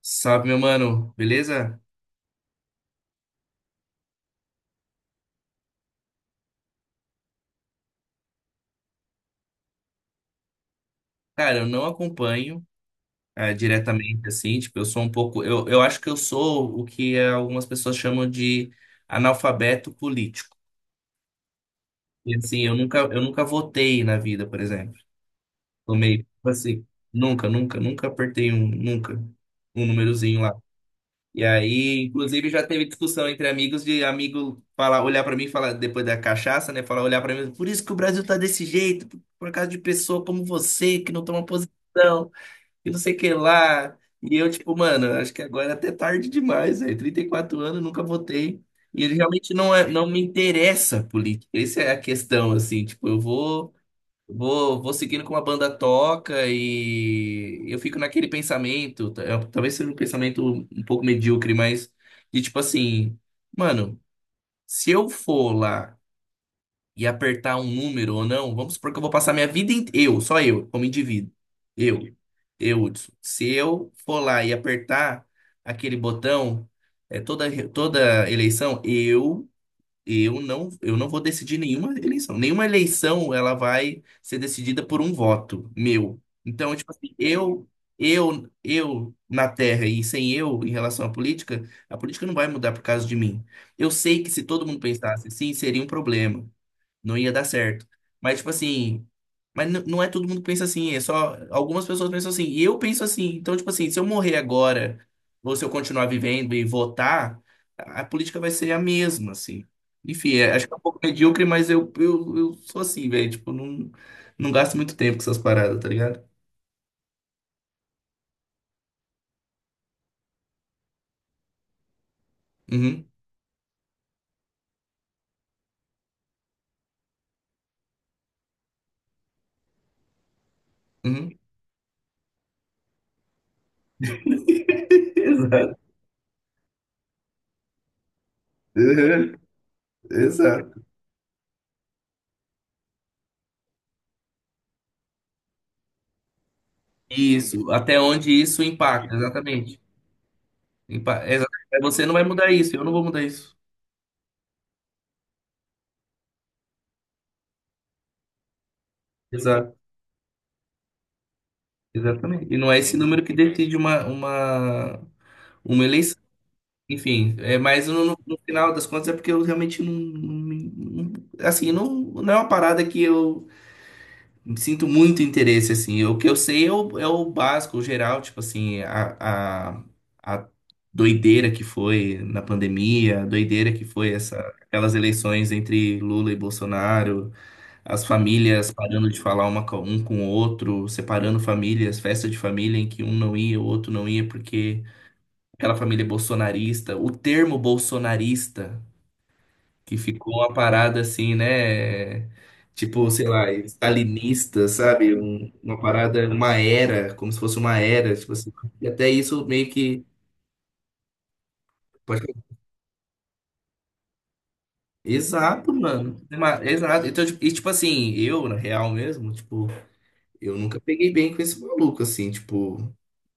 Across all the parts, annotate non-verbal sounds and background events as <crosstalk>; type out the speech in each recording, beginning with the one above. Salve, meu mano, beleza? Cara, eu não acompanho diretamente, assim, tipo, eu sou um pouco. Eu acho que eu sou o que algumas pessoas chamam de analfabeto político. E assim, eu nunca votei na vida, por exemplo. Tomei, tipo assim, nunca apertei um, nunca, um númerozinho lá. E aí, inclusive, já teve discussão entre amigos de amigo falar, olhar pra mim e falar, depois da cachaça, né? Falar, olhar pra mim, por isso que o Brasil tá desse jeito, por causa de pessoa como você, que não toma posição. E não sei o que lá. E eu, tipo, mano, acho que agora é até tarde demais, velho. 34 anos, nunca votei. E ele realmente não, é, não me interessa a política. Essa é a questão, assim, tipo, eu vou seguindo com a banda toca e eu fico naquele pensamento, talvez seja um pensamento um pouco medíocre, mas de tipo assim, mano, se eu for lá e apertar um número ou não, vamos supor que eu vou passar minha vida inteira, eu, só eu, como indivíduo, eu, eu, Hudson. Se eu for lá e apertar aquele botão, é toda eleição, eu não vou decidir nenhuma eleição. Nenhuma eleição ela vai ser decidida por um voto meu. Então, tipo assim, eu na Terra e sem eu em relação à política, a política não vai mudar por causa de mim. Eu sei que se todo mundo pensasse assim, seria um problema, não ia dar certo. Mas, tipo assim, não é todo mundo que pensa assim, é só algumas pessoas pensam assim, e eu penso assim. Então, tipo assim, se eu morrer agora, ou se eu continuar vivendo e votar, a política vai ser a mesma, assim. Enfim, acho que é um pouco medíocre, mas eu sou assim, velho. Tipo, não, não gasto muito tempo com essas paradas, tá ligado? Uhum, uhum. <laughs> Exato. Uhum, exato. Isso, até onde isso impacta, exatamente. Impa- exa- Você não vai mudar isso, eu não vou mudar isso. Exato, exatamente. E não é esse número que decide uma eleição. Enfim, mas no final das contas é porque eu realmente não, assim, não, não é uma parada que eu sinto muito interesse, assim. O que eu sei é o básico, o geral, tipo assim, a doideira que foi na pandemia, a doideira que foi essa, aquelas eleições entre Lula e Bolsonaro. As famílias parando de falar uma com um com o outro, separando famílias, festa de família em que um não ia, o outro não ia, porque aquela família é bolsonarista. O termo bolsonarista, que ficou uma parada assim, né? Tipo, sei lá, stalinista, sabe? Uma parada, uma era, como se fosse uma era. Tipo assim, e até isso meio que. pode- Exato, mano. Exato. Então, e tipo assim, eu, na real mesmo, tipo. Eu nunca peguei bem com esse maluco, assim, tipo,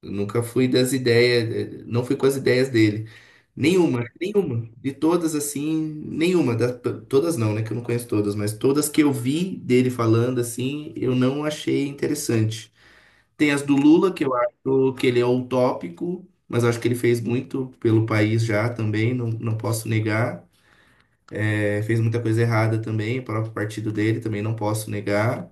eu nunca fui das ideias, não fui com as ideias dele. Nenhuma, nenhuma. De todas, assim, nenhuma. Todas não, né? Que eu não conheço todas, mas todas que eu vi dele falando, assim, eu não achei interessante. Tem as do Lula, que eu acho que ele é utópico, mas eu acho que ele fez muito pelo país já também, não, não posso negar. Fez muita coisa errada também, o próprio partido dele também não posso negar.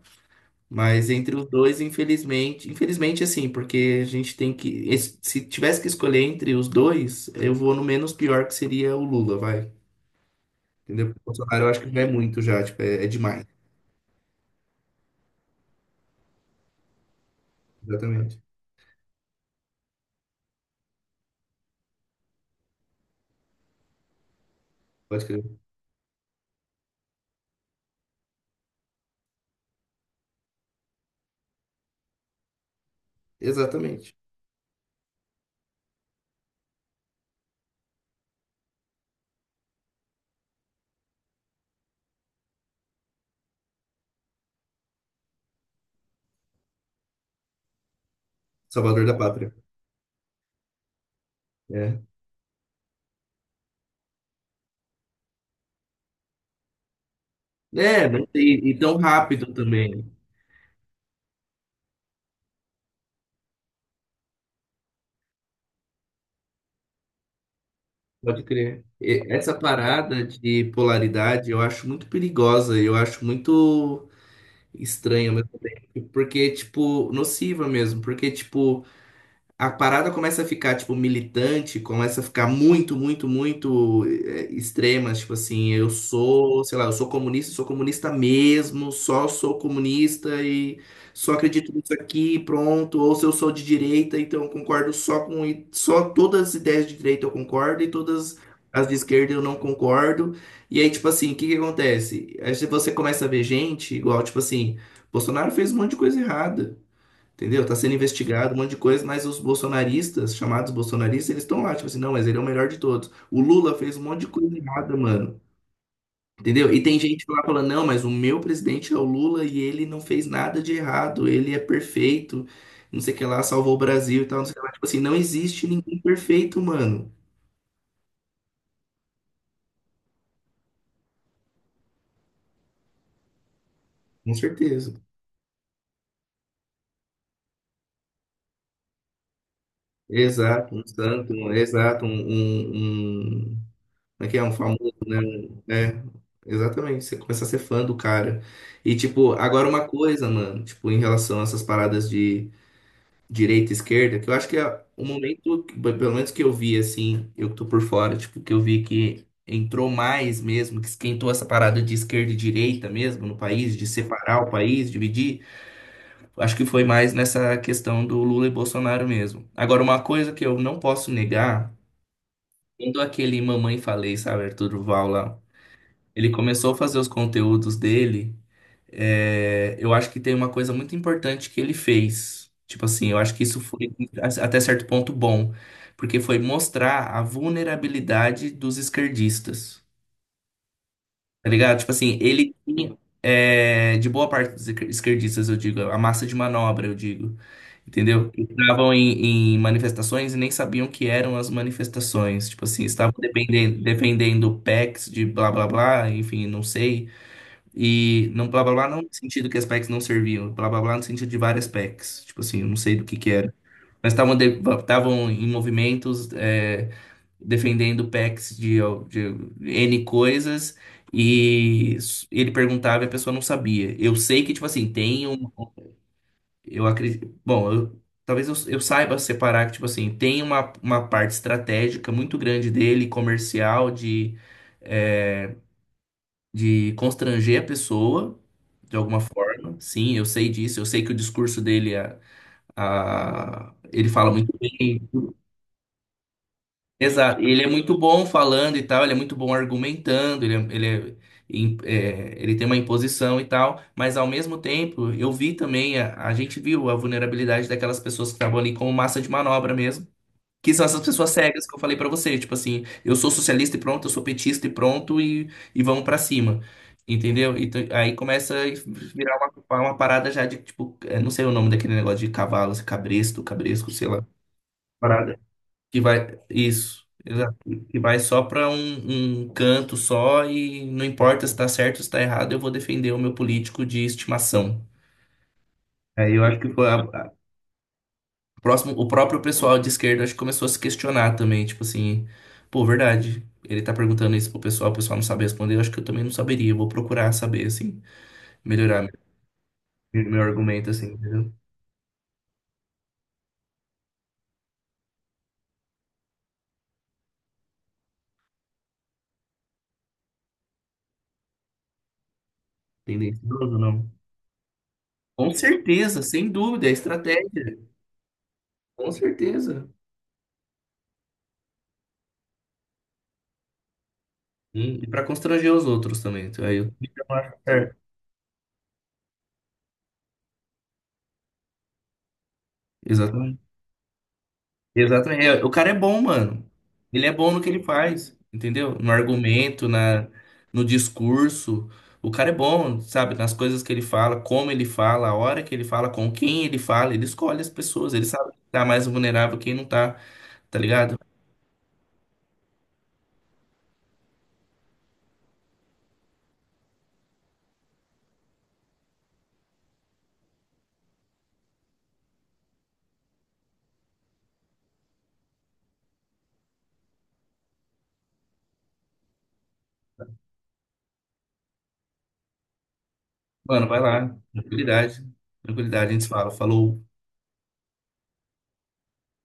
Mas entre os dois, infelizmente assim, porque a gente tem que, se tivesse que escolher entre os dois, eu vou no menos pior que seria o Lula, vai. Entendeu? O Bolsonaro eu acho que já é muito já, tipo, é demais. Exatamente. Pode crer. Exatamente. Salvador da pátria. É. É, não sei, e tão rápido também. Pode crer. Essa parada de polaridade eu acho muito perigosa, eu acho muito estranha, ao mesmo tempo, porque, tipo, nociva mesmo, porque, tipo, a parada começa a ficar, tipo, militante, começa a ficar muito, muito, muito extrema, tipo assim, eu sou, sei lá, eu sou comunista mesmo, só sou comunista e só acredito nisso aqui, pronto, ou se eu sou de direita, então eu concordo só com, só todas as ideias de direita eu concordo e todas as de esquerda eu não concordo. E aí, tipo assim, o que que acontece? Aí você começa a ver gente, igual, tipo assim, Bolsonaro fez um monte de coisa errada. Entendeu? Tá sendo investigado, um monte de coisa, mas os bolsonaristas, chamados bolsonaristas, eles estão lá, tipo assim, não, mas ele é o melhor de todos. O Lula fez um monte de coisa errada, mano. Entendeu? E tem gente lá falando, não, mas o meu presidente é o Lula e ele não fez nada de errado, ele é perfeito, não sei o que lá, salvou o Brasil e tal, não sei o que lá. Tipo assim, não existe ninguém perfeito, mano. Com certeza. Exato, um santo, exato, um, como é que é? É, exatamente. Você começa a ser fã do cara. E, tipo, agora uma coisa, mano, tipo, em relação a essas paradas de direita e esquerda, que eu acho que é o momento, pelo menos que eu vi, assim, eu que tô por fora, tipo, que eu vi que entrou mais mesmo, que esquentou essa parada de esquerda e direita mesmo no país, de separar o país, dividir. Acho que foi mais nessa questão do Lula e Bolsonaro mesmo. Agora, uma coisa que eu não posso negar, quando aquele Mamãe Falei, sabe, Arthur Duval lá. Ele começou a fazer os conteúdos dele. Eu acho que tem uma coisa muito importante que ele fez. Tipo assim, eu acho que isso foi até certo ponto bom, porque foi mostrar a vulnerabilidade dos esquerdistas. Tá ligado? Tipo assim, ele tinha, de boa parte dos esquerdistas, eu digo, a massa de manobra, eu digo, entendeu? Estavam em manifestações e nem sabiam o que eram as manifestações. Tipo assim, estavam defendendo PECs de blá blá blá, enfim, não sei. E não blá blá blá não no sentido que as packs não serviam, blá blá blá no sentido de várias packs. Tipo assim, eu não sei do que era. Mas estavam estavam em movimentos defendendo packs de N coisas e ele perguntava e a pessoa não sabia. Eu sei que, tipo assim, tem um. Eu acredito. Bom, talvez eu saiba separar que, tipo assim, tem uma parte estratégica muito grande dele, comercial, de. eh, de constranger a pessoa de alguma forma. Sim, eu sei disso, eu sei que o discurso dele é, ele fala muito bem. Exato. Ele é muito bom falando e tal, ele é muito bom argumentando, ele é- im- é, ele tem uma imposição e tal, mas ao mesmo tempo eu vi também, a gente viu a vulnerabilidade daquelas pessoas que estavam ali como massa de manobra mesmo. Que são essas pessoas cegas que eu falei pra você, tipo assim, eu sou socialista e pronto, eu sou petista e pronto, e vamos pra cima. Entendeu? Então, aí começa a virar uma parada já de, tipo, não sei o nome daquele negócio de cavalo, assim, cabresto, cabresco, sei lá. Parada. Que vai. Isso, exato. Que vai só pra um canto só e não importa se tá certo ou se tá errado, eu vou defender o meu político de estimação. Aí eu acho que foi o próprio pessoal de esquerda acho que começou a se questionar também, tipo assim, pô, verdade. Ele tá perguntando isso pro pessoal, o pessoal não sabe responder, eu acho que eu também não saberia, eu vou procurar saber, assim, melhorar meu argumento, assim, entendeu? Tendencioso, não? Com certeza, sem dúvida, é estratégia, com certeza. E pra constranger os outros também, Então, eu acho certo. Exatamente. Exatamente. É, o cara é bom, mano. Ele é bom no que ele faz, entendeu? No argumento, no discurso. O cara é bom, sabe? Nas coisas que ele fala, como ele fala, a hora que ele fala, com quem ele fala. Ele escolhe as pessoas. Ele sabe quem tá mais vulnerável, quem não tá, tá ligado? Mano, vai lá. Tranquilidade. Tranquilidade. A gente fala. Falou.